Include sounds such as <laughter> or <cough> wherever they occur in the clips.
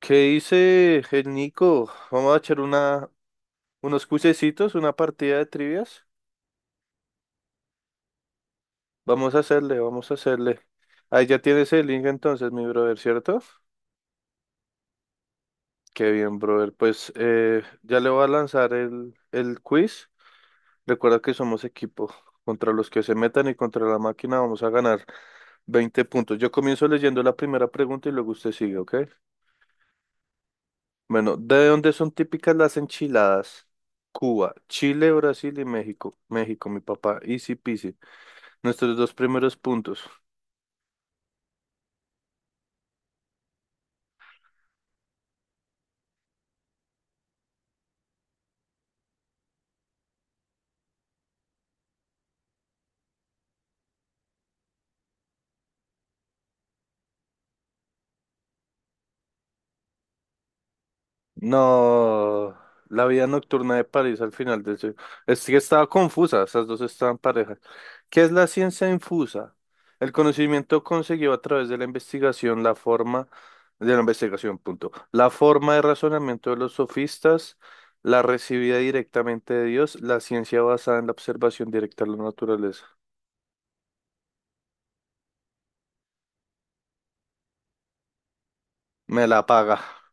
¿Qué dice el Nico? Vamos a echar unos cuisecitos, una partida de trivias. Vamos a hacerle, vamos a hacerle. Ahí ya tienes el link entonces, mi brother, ¿cierto? Qué bien, brother. Pues ya le voy a lanzar el quiz. Recuerda que somos equipo. Contra los que se metan y contra la máquina vamos a ganar 20 puntos. Yo comienzo leyendo la primera pregunta y luego usted sigue, ¿ok? Bueno, ¿de dónde son típicas las enchiladas? Cuba, Chile, Brasil y México. México, mi papá. Easy peasy. Nuestros dos primeros puntos. No, la vida nocturna de París al final del siglo. Es que estaba confusa, esas dos estaban parejas. ¿Qué es la ciencia infusa? El conocimiento conseguido a través de la investigación, la forma de la investigación, punto. La forma de razonamiento de los sofistas, la recibida directamente de Dios, la ciencia basada en la observación directa de la naturaleza. Me la paga.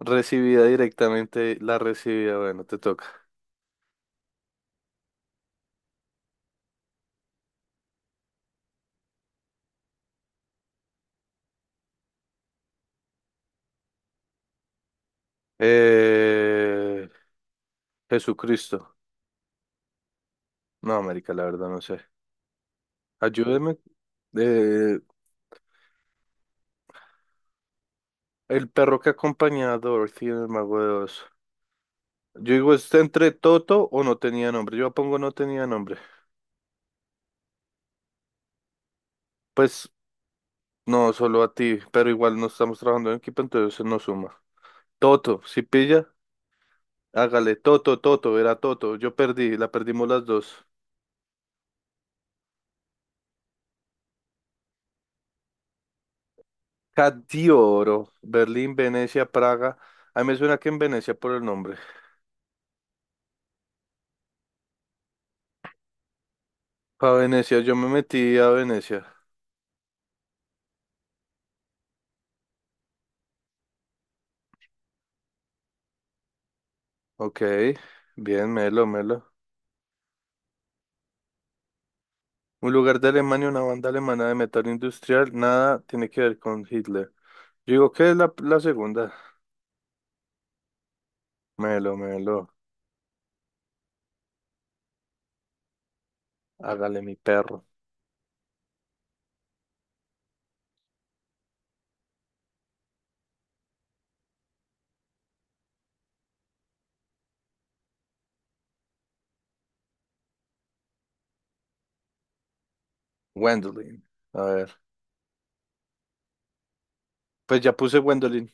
Recibida directamente, la recibida, bueno, te toca. Eh, Jesucristo. No, América, la verdad, no sé. Ayúdeme. Eh, el perro que acompañaba a Dorothy en el Mago de Oz. Yo digo, ¿está entre Toto o no tenía nombre? Yo pongo no tenía nombre. Pues no, solo a ti, pero igual no estamos trabajando en equipo, entonces se nos suma. Toto, si pilla, hágale. Toto, Toto, era Toto. Yo perdí, la perdimos las dos. Oro Berlín, Venecia, Praga. A mí me suena que en Venecia por el nombre. A Venecia, yo me metí a Venecia. Ok, bien, Melo, Melo. Un lugar de Alemania, una banda alemana de metal industrial, nada tiene que ver con Hitler. Yo digo que es la segunda. Melo, Melo, hágale mi perro. Wendelin. A ver. Pues ya puse Gwendolyn.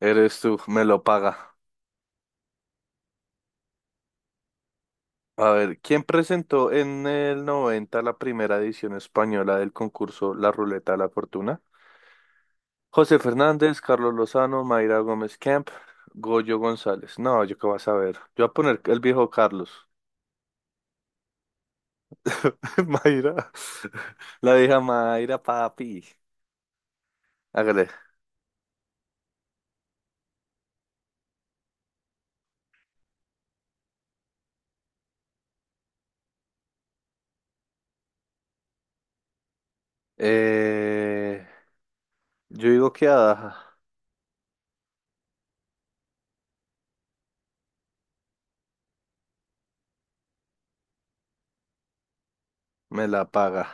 Eres tú, me lo paga. A ver, ¿quién presentó en el 90 la primera edición española del concurso La Ruleta de la Fortuna? José Fernández, Carlos Lozano, Mayra Gómez Camp, Goyo González. No, yo qué vas a ver. Yo voy a poner el viejo Carlos. <laughs> Mayra. La vieja Mayra, papi. Hágale. Eh, yo digo que Adaja me la paga.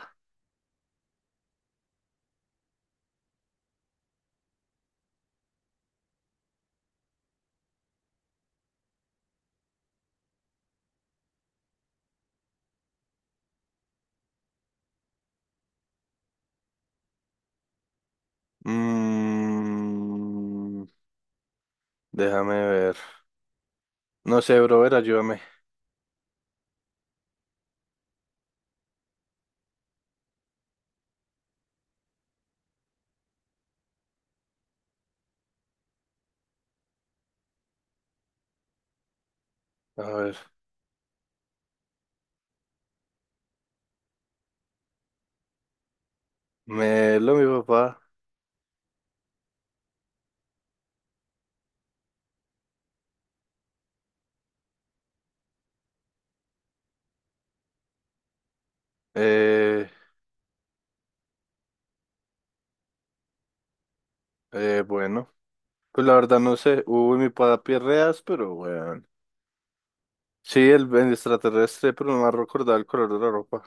Mm, Déjame ver. No sé, brother, ayúdame. A ver, me lo mi papá. Eh, bueno, pues la verdad no sé. Uy, mi papi es reas, pero bueno. Sí, el extraterrestre, pero no me ha recordado el color de la ropa.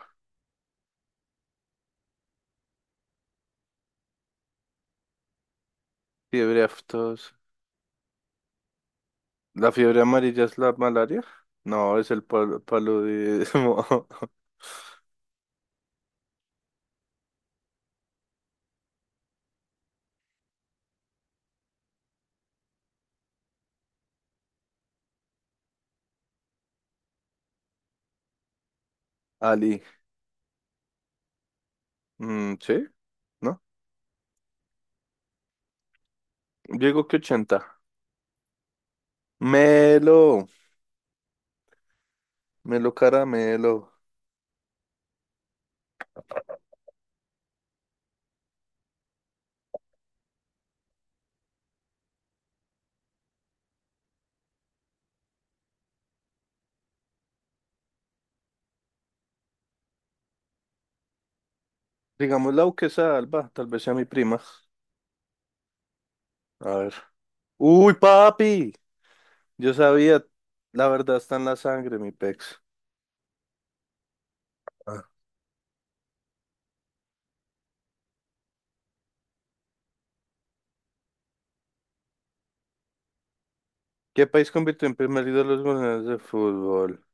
Fiebre aftosa. ¿La fiebre amarilla es la malaria? No, es el paludismo. <laughs> Ali. Mm, ¿sí? ¿No? Digo que 80 Melo, melo caramelo. Digamos la duquesa de Alba, tal vez sea mi prima. A ver. Uy, papi. Yo sabía, la verdad está en la sangre, mi pex. Ah, ¿qué país convirtió en primer líder los goleadores de fútbol?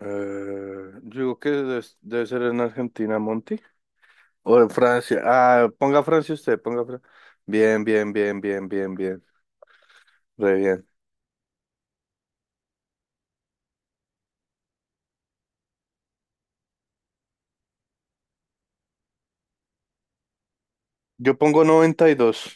Yo digo que debe ser en Argentina, Monty. O en Francia. Ah, ponga Francia usted, ponga Francia. Bien, bien, bien, bien, bien, bien. Re bien. Yo pongo 92.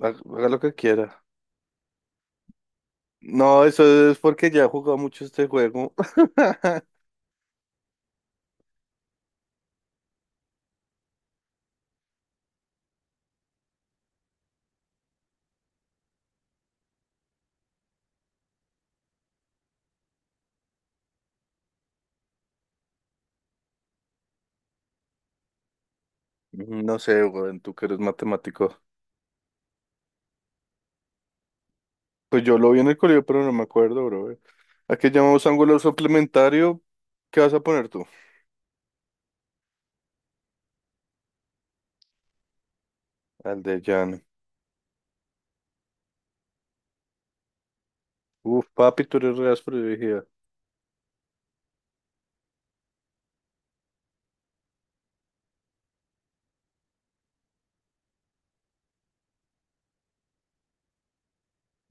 Ha- Haga lo que quiera. No, eso es porque ya he jugado mucho este juego. <laughs> No sé, güey, tú que eres matemático. Pues yo lo vi en el colegio, pero no me acuerdo, bro. ¿A qué llamamos ángulo suplementario? ¿Qué vas a poner tú? Al de Jan. Uf, papi, tú eres re áspero, yo dije.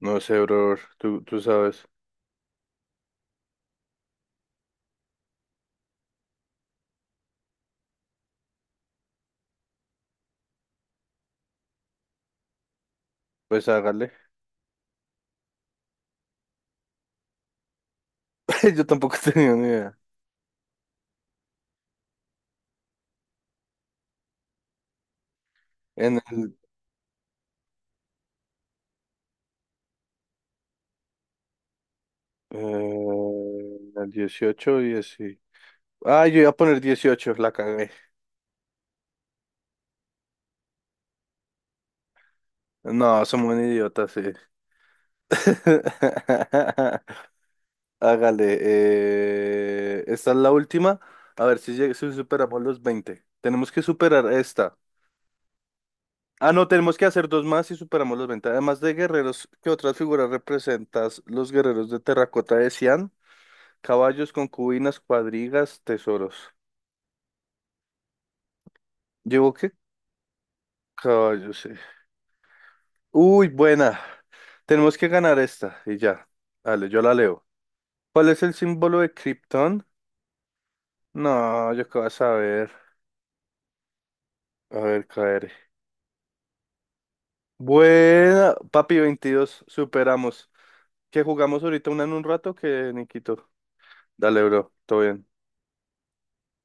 No sé, bro, tú sabes. Pues hágale. <laughs> Yo tampoco tenía ni idea. En el, eh, en el 18, 10. Y- ah, yo iba a poner 18, la cagué. No, somos un idiota, sí. <laughs> Hágale, esta es la última. A ver si, si superamos los 20. Tenemos que superar esta. Ah, no, tenemos que hacer dos más y superamos los 20. Además de guerreros, ¿qué otras figuras representas los guerreros de terracota de Xi'an? Caballos, concubinas, cuadrigas, tesoros. ¿Llevo qué? Caballos, sí. Uy, buena. Tenemos que ganar esta y ya. Dale, yo la leo. ¿Cuál es el símbolo de Krypton? No, yo qué vas a ver. A ver, KR. Buena, papi 22, superamos. Que jugamos ahorita una en un rato que Nikito. Dale, bro, todo bien.